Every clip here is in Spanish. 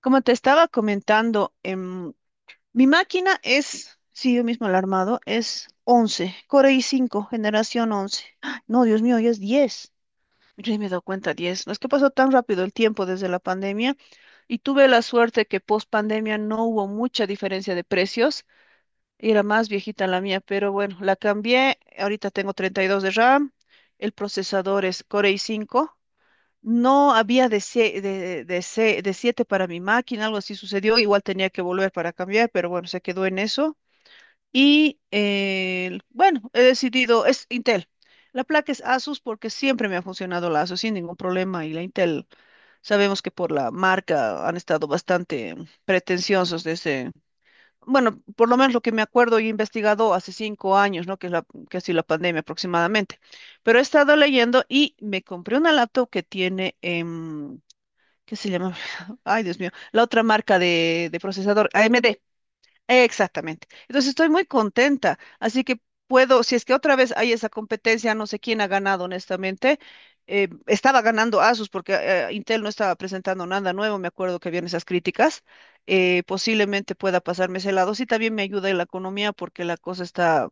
Como te estaba comentando, mi máquina es, sí, yo mismo la he armado, es 11 Core i5, generación 11. ¡Ah! No, Dios mío, ya es 10. Yo ni me he dado cuenta, 10. No es que pasó tan rápido el tiempo desde la pandemia y tuve la suerte que post pandemia no hubo mucha diferencia de precios. Era más viejita la mía, pero bueno, la cambié. Ahorita tengo 32 de RAM. El procesador es Core i5. No había de, sie- de, se- de siete para mi máquina, algo así sucedió. Igual tenía que volver para cambiar, pero bueno, se quedó en eso. Y bueno, he decidido, es Intel. La placa es Asus porque siempre me ha funcionado la Asus sin ningún problema. Y la Intel, sabemos que por la marca han estado bastante pretenciosos desde, bueno, por lo menos lo que me acuerdo y he investigado hace 5 años, ¿no? Que es la, que ha sido la pandemia aproximadamente. Pero he estado leyendo y me compré una laptop que tiene ¿qué se llama? Ay, Dios mío. La otra marca de procesador, AMD. Exactamente. Entonces estoy muy contenta. Así que puedo, si es que otra vez hay esa competencia, no sé quién ha ganado, honestamente. Estaba ganando Asus porque Intel no estaba presentando nada nuevo. Me acuerdo que habían esas críticas. Posiblemente pueda pasarme ese lado. Sí, también me ayuda en la economía porque la cosa está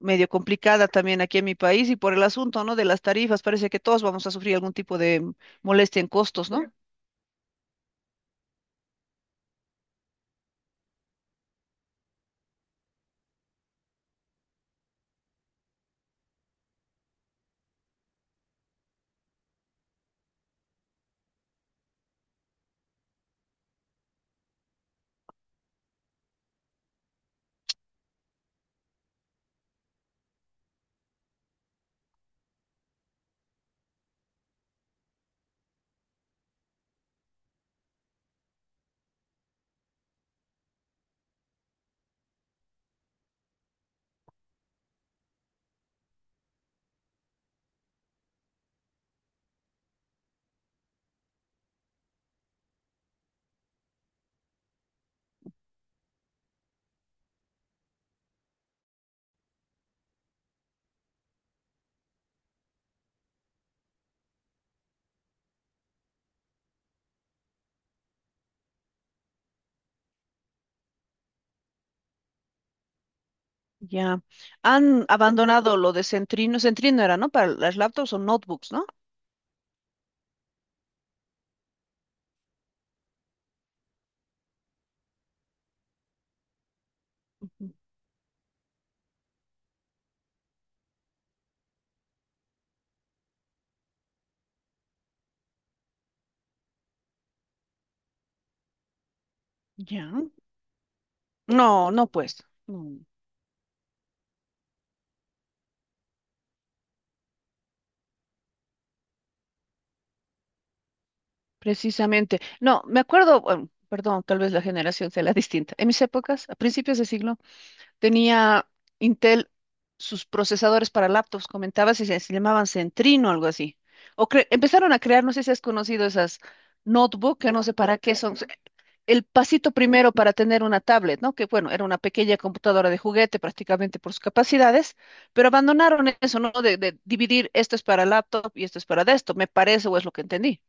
medio complicada también aquí en mi país y por el asunto, ¿no? De las tarifas, parece que todos vamos a sufrir algún tipo de molestia en costos, ¿no? Ya. Han abandonado lo de Centrino. Centrino era, ¿no? Para las laptops o notebooks, ¿no? Ujú. Ya. No, no, pues. No, precisamente. No, me acuerdo, bueno, perdón, tal vez la generación sea la distinta. En mis épocas, a principios de siglo, tenía Intel sus procesadores para laptops, comentabas, y se llamaban Centrino o algo así. Empezaron a crear, no sé si has conocido esas notebook, que no sé para qué son, el pasito primero para tener una tablet, ¿no? Que bueno, era una pequeña computadora de juguete prácticamente por sus capacidades, pero abandonaron eso, ¿no? De dividir esto es para laptop y esto es para desktop, me parece o es lo que entendí.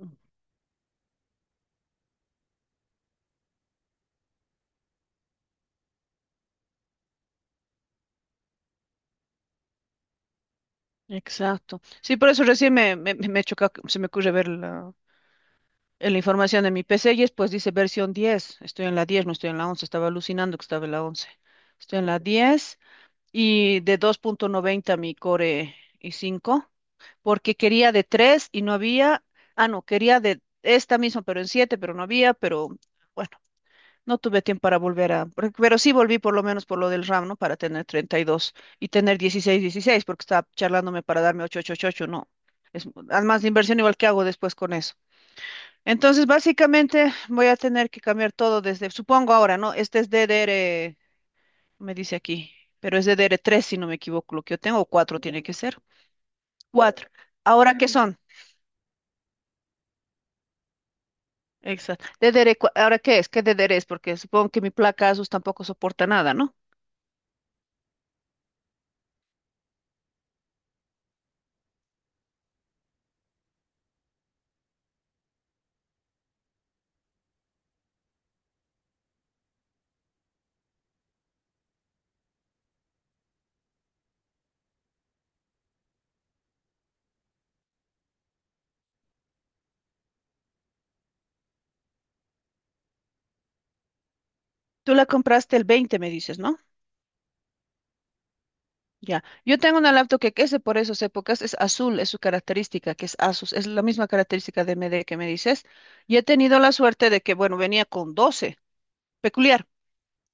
Mm, exacto. Sí, por eso recién me choca, se me ocurre ver en la información de mi PC y después dice versión 10. Estoy en la 10, no estoy en la 11. Estaba alucinando que estaba en la 11. Estoy en la 10 y de 2.90 mi Core i cinco. Porque quería de tres y no había, ah, no, quería de esta misma, pero en siete, pero no había, pero bueno, no tuve tiempo para volver a, pero sí volví por lo menos por lo del RAM, ¿no? Para tener 32 y tener 16 16, porque estaba charlándome para darme 8 8 8 8, no. Es, además de inversión igual que hago después con eso. Entonces, básicamente voy a tener que cambiar todo desde, supongo ahora, ¿no? Este es DDR, me dice aquí, pero es ddr tres si no me equivoco, lo que yo tengo, o 4 tiene que ser. Cuatro. ¿Ahora qué son? Exacto. Dedere, ¿ahora qué es? ¿Qué Dedere es? Porque supongo que mi placa Asus tampoco soporta nada, ¿no? Tú la compraste el 20, me dices, ¿no? Ya. Yo tengo una laptop que es de por esas épocas, es azul, es su característica, que es Asus, es la misma característica de MD que me dices. Y he tenido la suerte de que, bueno, venía con 12, peculiar,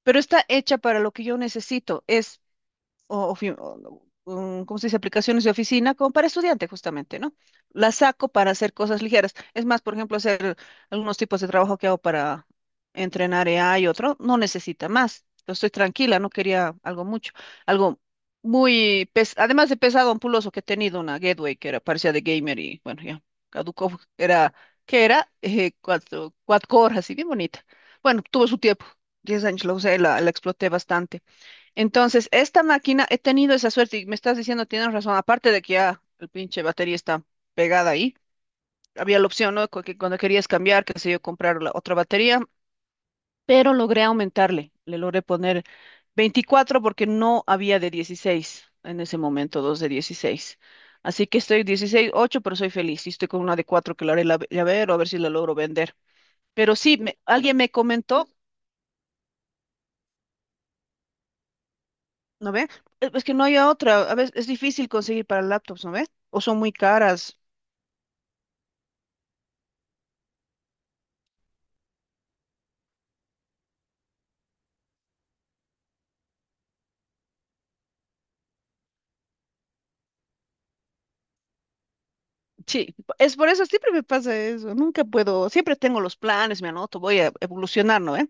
pero está hecha para lo que yo necesito. Es o, ofi- o- um, ¿cómo se dice? Aplicaciones de oficina como para estudiante justamente, ¿no? Las saco para hacer cosas ligeras. Es más, por ejemplo, hacer algunos tipos de trabajo que hago para entrenar EA y otro, no necesita más. Entonces estoy tranquila, no quería algo mucho, algo muy, además de pesado, ampuloso, que he tenido una Gateway que era parecía de gamer y bueno, ya caducó, era, que era? Cuatro horas, así bien bonita. Bueno, tuvo su tiempo, 10 años la usé, la exploté bastante. Entonces, esta máquina, he tenido esa suerte y me estás diciendo, tienes razón, aparte de que ya el pinche batería está pegada ahí, había la opción, ¿no? Que cuando querías cambiar, qué sé yo, comprar la otra batería, pero logré aumentarle, le logré poner 24 porque no había de 16 en ese momento, dos de 16. Así que estoy 16 8 pero soy feliz y estoy con una de 4 que la haré llavero, a ver si la logro vender. Pero sí, alguien me comentó. ¿No ve? Es que no hay otra. A veces es difícil conseguir para laptops, ¿no ve? O son muy caras. Sí, es por eso, siempre me pasa eso. Nunca puedo, siempre tengo los planes, me anoto, voy a evolucionar, ¿no ve?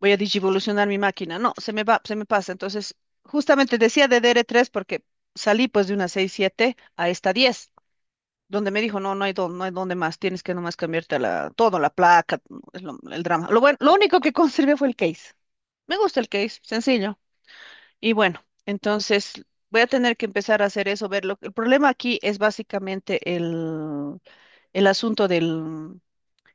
Voy a digivolucionar mi máquina. No, se me va, se me pasa. Entonces, justamente decía de dr tres porque salí pues de una seis siete a esta 10, donde me dijo, no, no hay dónde, no hay dónde más, tienes que nomás cambiarte a la, todo, la placa, es el drama. Lo bueno, lo único que conservé fue el case. Me gusta el case, sencillo. Y bueno, entonces voy a tener que empezar a hacer eso, ver lo el problema aquí es básicamente el asunto del,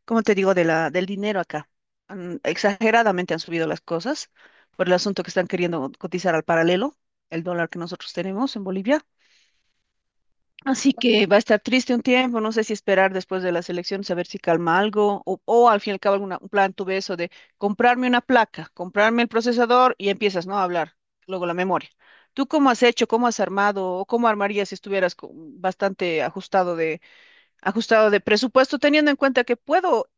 ¿cómo te digo?, de la, del dinero acá. Exageradamente han subido las cosas por el asunto que están queriendo cotizar al paralelo, el dólar que nosotros tenemos en Bolivia. Así que va a estar triste un tiempo, no sé si esperar después de las elecciones a ver si calma algo, o al fin y al cabo un plan tuve eso de comprarme una placa, comprarme el procesador y empiezas, ¿no? A hablar, luego la memoria. ¿Tú cómo has hecho, cómo has armado o cómo armarías si estuvieras bastante ajustado de presupuesto, teniendo en cuenta que puedo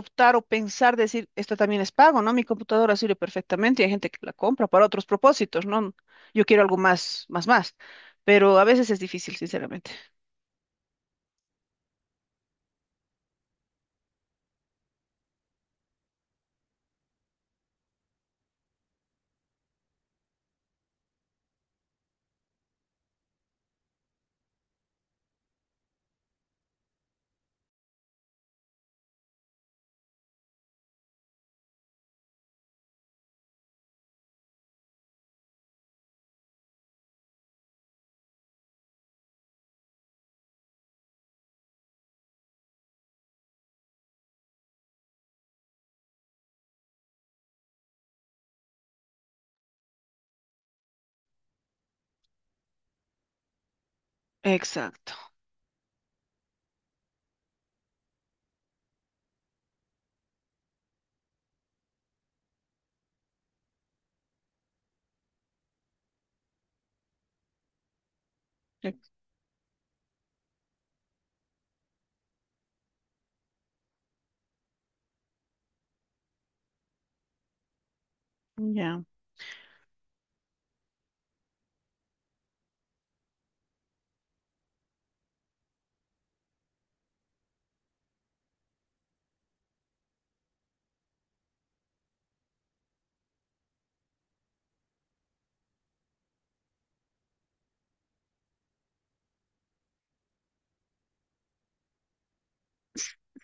optar o pensar, decir, esto también es pago, ¿no? Mi computadora sirve perfectamente y hay gente que la compra para otros propósitos, ¿no? Yo quiero algo más, más, más, pero a veces es difícil, sinceramente. Exacto. Ex- Ya.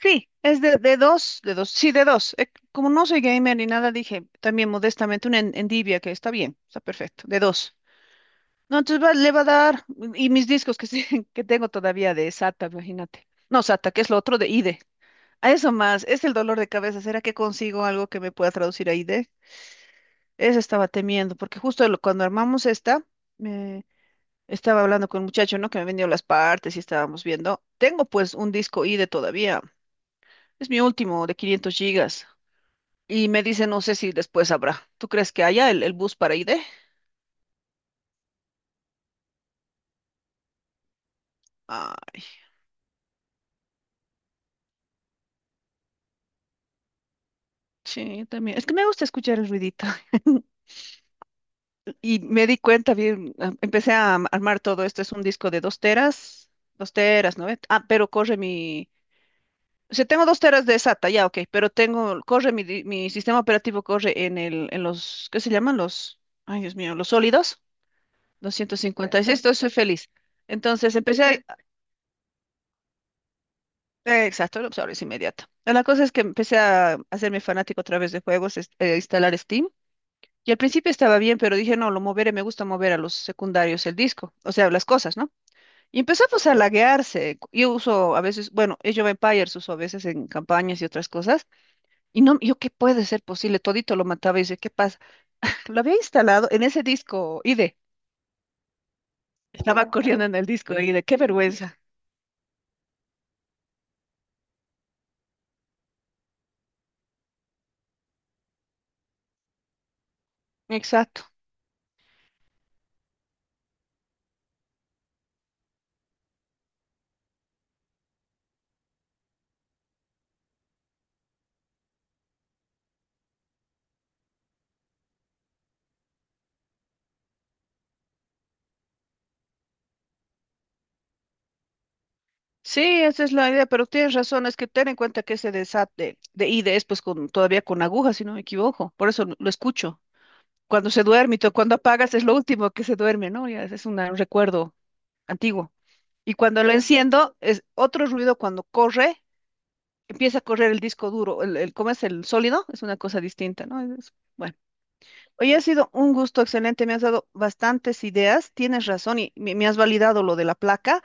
Sí, es de dos, de dos, sí, de dos. Como no soy gamer ni nada, dije también modestamente una endivia que está bien, está perfecto, de dos. No, entonces le va a dar, y mis discos que, que tengo todavía de SATA, imagínate. No, SATA, que es lo otro de IDE. A eso más, es el dolor de cabeza. ¿Será que consigo algo que me pueda traducir a IDE? Eso estaba temiendo, porque justo cuando armamos esta, me estaba hablando con un muchacho, ¿no? Que me vendió las partes y estábamos viendo. Tengo pues un disco IDE todavía. Es mi último de 500 gigas. Y me dice, no sé si después habrá. ¿Tú crees que haya el bus para ID? Ay, sí, también. Es que me gusta escuchar el ruidito. Y me di cuenta bien, ah, empecé a armar todo esto. Es un disco de 2 teras, dos teras, ¿no ve? Ah, pero corre mi... O sea, tengo 2 teras de SATA, ya, ok, pero tengo, corre mi, mi sistema operativo, corre en el, en los, ¿qué se llaman? Los, ay, Dios mío, los sólidos, 256, entonces soy feliz. Entonces empecé a, exacto, el usuario es inmediato. La cosa es que empecé a hacerme fanático a través de juegos, instalar Steam. Y al principio estaba bien, pero dije, no, lo moveré, me gusta mover a los secundarios el disco, o sea, las cosas, ¿no? Y empezó pues a laguearse. Yo uso a veces, bueno, Age of Empires uso a veces en campañas y otras cosas. Y no, yo, ¿qué puede ser posible? Todito lo mataba y dice, ¿qué pasa? Lo había instalado en ese disco ID. Estaba corriendo en el disco ID, qué vergüenza. Exacto. Sí, esa es la idea, pero tienes razón, es que ten en cuenta que ese desate de ID es pues con, todavía con agujas, si no me equivoco, por eso lo escucho. Cuando se duerme, y cuando apagas es lo último que se duerme, ¿no? Ya es un recuerdo antiguo. Y cuando lo enciendo, es otro ruido cuando corre, empieza a correr el disco duro, el, ¿cómo es el sólido? Es una cosa distinta, ¿no? Bueno, hoy ha sido un gusto excelente, me has dado bastantes ideas, tienes razón y me has validado lo de la placa.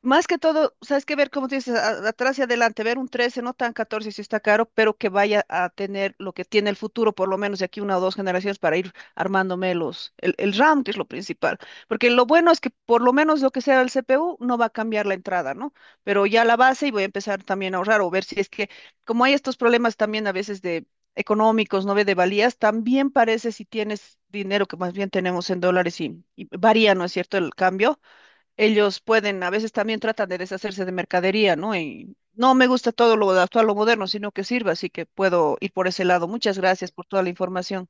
Más que todo, sabes que ver, como tú dices, atrás y adelante, ver un 13, no tan 14 si está caro, pero que vaya a tener lo que tiene el futuro, por lo menos de aquí una o dos generaciones, para ir armándome los, el RAM, que es lo principal. Porque lo bueno es que por lo menos lo que sea el CPU no va a cambiar la entrada, ¿no? Pero ya la base y voy a empezar también a ahorrar o ver si es que, como hay estos problemas también a veces de económicos, ¿no ve? De valías, también parece si tienes dinero, que más bien tenemos en dólares y varía, ¿no es cierto?, el cambio ellos pueden, a veces también tratan de deshacerse de mercadería, ¿no? Y no me gusta todo lo actual, lo moderno, sino que sirva, así que puedo ir por ese lado. Muchas gracias por toda la información.